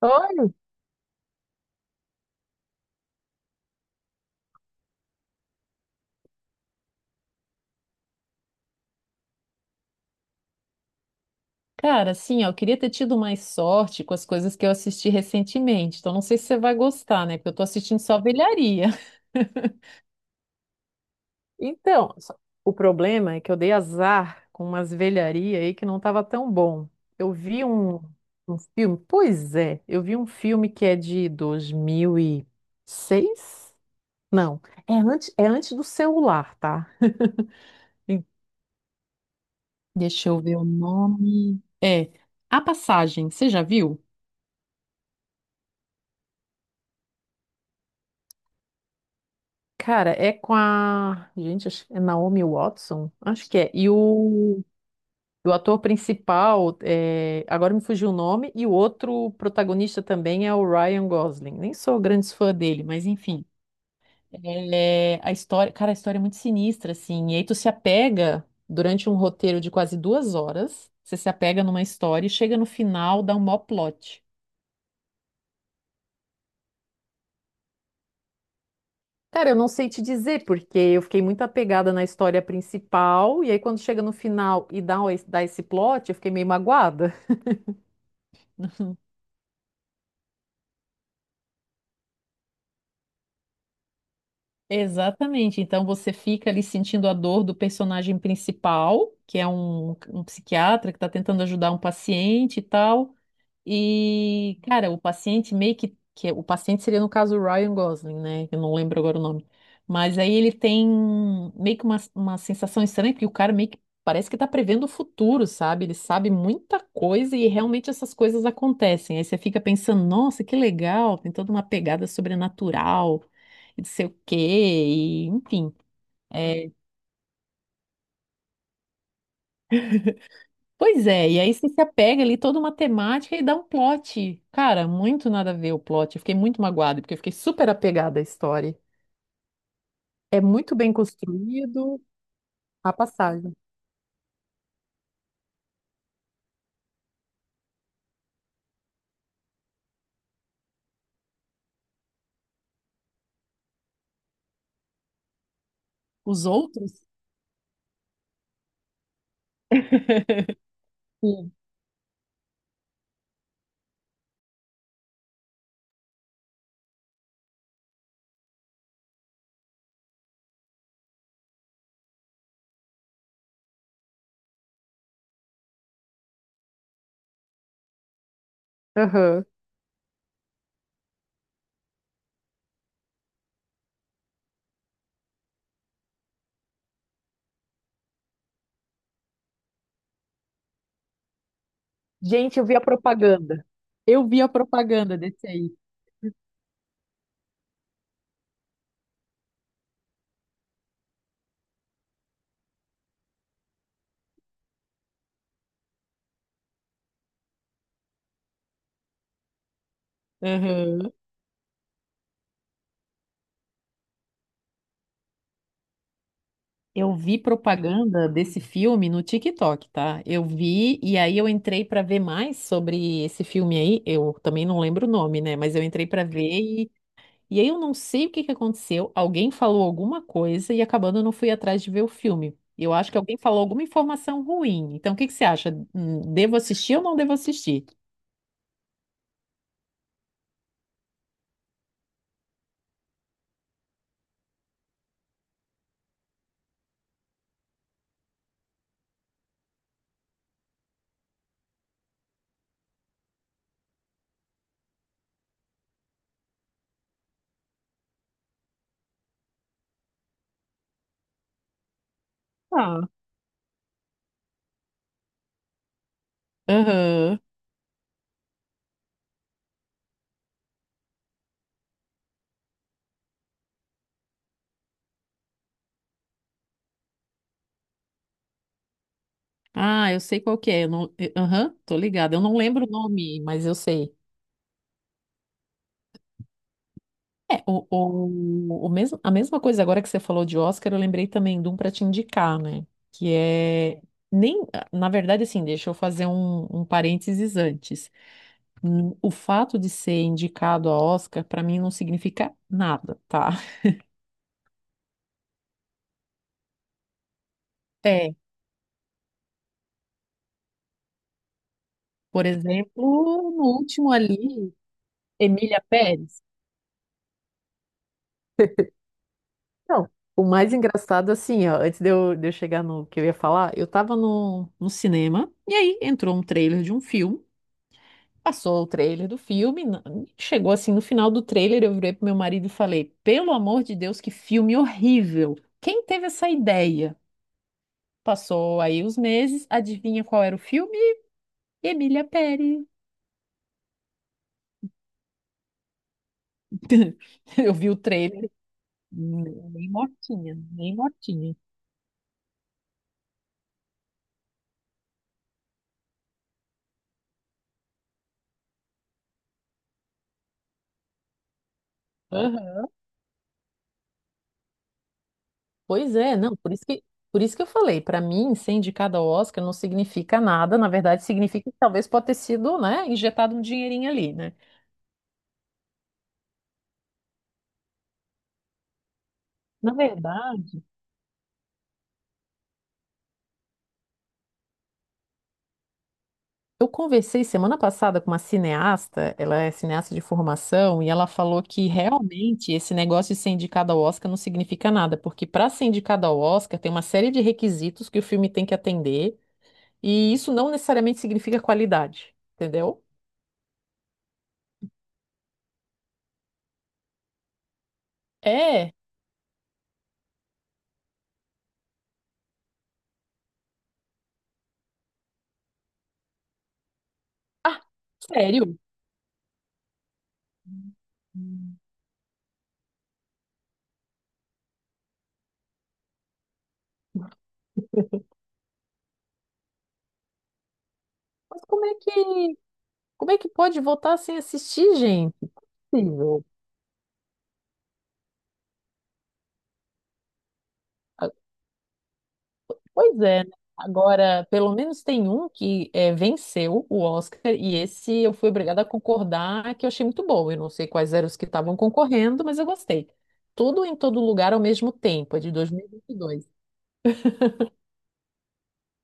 Olha, cara, assim, ó, eu queria ter tido mais sorte com as coisas que eu assisti recentemente. Então, não sei se você vai gostar, né? Porque eu tô assistindo só velharia. Então, o problema é que eu dei azar com umas velharias aí que não tava tão bom. Eu vi um filme, pois é, eu vi um filme que é de 2006. Não, é antes do celular, tá? Em- Deixa eu ver o nome. A Passagem, você já viu? Cara, é com a. Gente, é Naomi Watson? Acho que é. E o ator principal, agora me fugiu o nome, e o outro protagonista também é o Ryan Gosling. Nem sou grande fã dele, mas enfim. Cara, a história é muito sinistra, assim. E aí tu se apega durante um roteiro de quase 2 horas, você se apega numa história e chega no final, dá um mó plot. Cara, eu não sei te dizer, porque eu fiquei muito apegada na história principal, e aí quando chega no final e dá esse plot, eu fiquei meio magoada. Exatamente. Então você fica ali sentindo a dor do personagem principal, que é um psiquiatra que está tentando ajudar um paciente e tal. E, cara, o paciente meio que é- o paciente seria no caso o Ryan Gosling, né? Eu não lembro agora o nome. Mas aí ele tem meio que uma sensação estranha, porque o cara meio que parece que tá prevendo o futuro, sabe? Ele sabe muita coisa e realmente essas coisas acontecem. Aí você fica pensando, nossa, que legal, tem toda uma pegada sobrenatural e não sei o quê, e enfim. é, Pois é, e aí você se apega ali toda uma temática e dá um plot. Cara, muito nada a ver o plot. Eu fiquei muito magoada, porque eu fiquei super apegada à história. É muito bem construído a passagem. Os outros? Sim. Aham. Gente, eu vi a propaganda. Eu vi a propaganda desse aí. Aham. Eu vi propaganda desse filme no TikTok, tá? Eu vi e aí eu entrei pra ver mais sobre esse filme aí. Eu também não lembro o nome, né? Mas eu entrei pra ver. E aí eu não sei o que que aconteceu, alguém falou alguma coisa e acabando eu não fui atrás de ver o filme. Eu acho que alguém falou alguma informação ruim. Então o que que você acha? Devo assistir ou não devo assistir? Ah, aham. Ah, eu sei qual que é. Eu não- eu- Aham, tô ligada. Eu não lembro o nome, mas eu sei. A mesma coisa agora que você falou de Oscar, eu lembrei também de um para te indicar, né? Que é. Nem, Na verdade, assim, deixa eu fazer um parênteses antes. O fato de ser indicado a Oscar, para mim, não significa nada, tá? É, por exemplo, no último ali, Emília Pérez. Não, o mais engraçado, assim, ó, antes de eu chegar no que eu ia falar, eu tava no cinema, e aí entrou um trailer de um filme, passou o trailer do filme, chegou assim no final do trailer, eu virei pro meu marido e falei: pelo amor de Deus, que filme horrível! Quem teve essa ideia? Passou aí os meses, adivinha qual era o filme? Emília Pérez. Eu vi o trailer, nem mortinha, nem mortinha. Aham. Pois é, não, por isso que eu falei, para mim, ser indicada ao Oscar não significa nada, na verdade, significa que talvez pode ter sido, né, injetado um dinheirinho ali, né? Na verdade, eu conversei semana passada com uma cineasta, ela é cineasta de formação, e ela falou que realmente esse negócio de ser indicada ao Oscar não significa nada, porque para ser indicada ao Oscar tem uma série de requisitos que o filme tem que atender. E isso não necessariamente significa qualidade, entendeu? É. Ah, sério? Hum. Mas como é que pode votar sem assistir, gente? Possível. Ah, pois é, né? Agora, pelo menos tem um venceu o Oscar, e esse eu fui obrigada a concordar que eu achei muito bom. Eu não sei quais eram os que estavam concorrendo, mas eu gostei. Tudo em Todo Lugar ao Mesmo Tempo, é de 2022.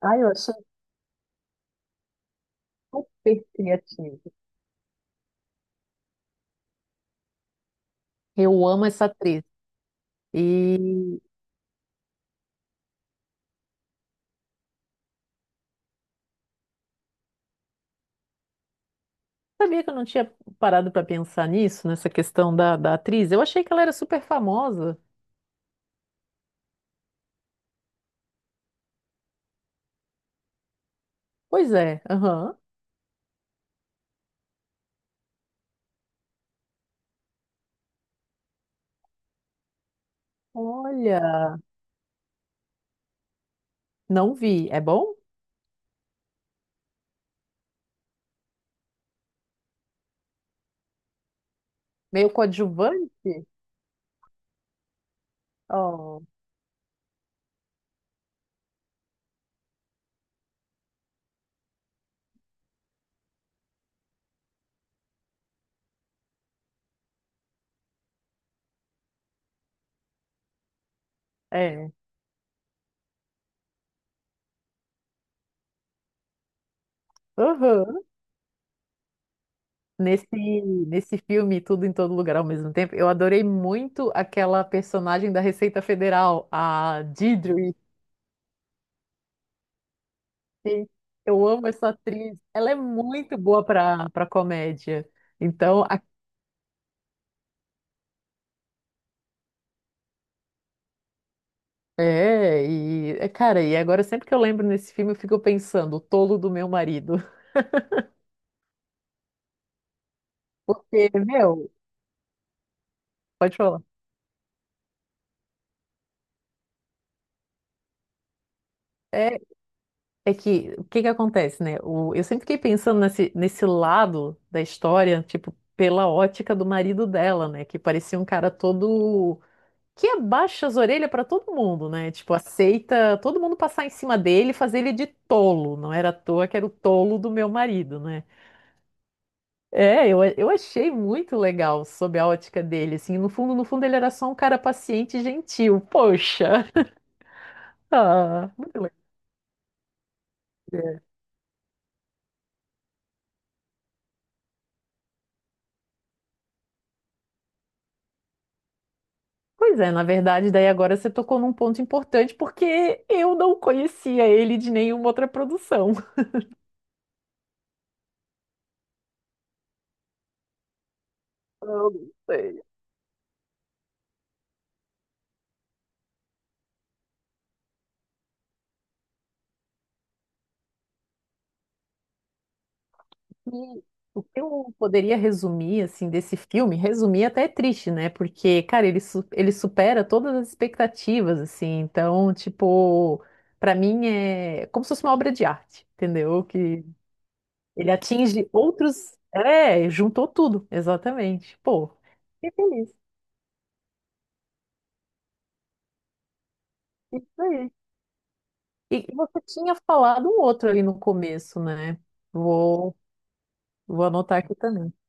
Ah, eu achei super criativo. Eu amo essa atriz. E sabia que eu não tinha parado pra pensar nisso, nessa questão da atriz? Eu achei que ela era super famosa. Pois é, aham. Olha, não vi. É bom? Meio coadjuvante? Oh, é. Aham. Nesse, nesse filme, Tudo em Todo Lugar ao Mesmo Tempo, eu adorei muito aquela personagem da Receita Federal, a Deirdre. Sim, eu amo essa atriz. Ela é muito boa para comédia. Então, cara, e agora sempre que eu lembro nesse filme, eu fico pensando, o tolo do meu marido. Porque, meu, pode falar. É, é que o que que acontece, né? Eu sempre fiquei pensando nesse lado da história, tipo, pela ótica do marido dela, né? Que parecia um cara todo que abaixa as orelhas pra todo mundo, né? Tipo, aceita todo mundo passar em cima dele e fazer ele de tolo. Não era à toa que era o tolo do meu marido, né? Eu achei muito legal sob a ótica dele, assim, no fundo, no fundo ele era só um cara paciente e gentil, poxa, ah, muito legal. É. Pois é, na verdade, daí agora você tocou num ponto importante, porque eu não conhecia ele de nenhuma outra produção. Eu não sei. E o que eu poderia resumir, assim, desse filme, resumir até é triste, né, porque, cara, ele supera todas as expectativas, assim, então, tipo... Pra mim é como se fosse uma obra de arte, entendeu? Que ele atinge outros. É, juntou tudo, exatamente. Pô, fiquei feliz. Isso aí. E você tinha falado um outro ali no começo, né? Vou, vou anotar aqui também.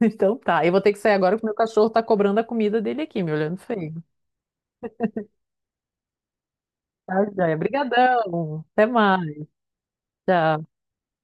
Então tá. Eu vou ter que sair agora porque meu cachorro tá cobrando a comida dele aqui, me olhando feio. Tá, joia. Obrigadão. Até mais. Tchau.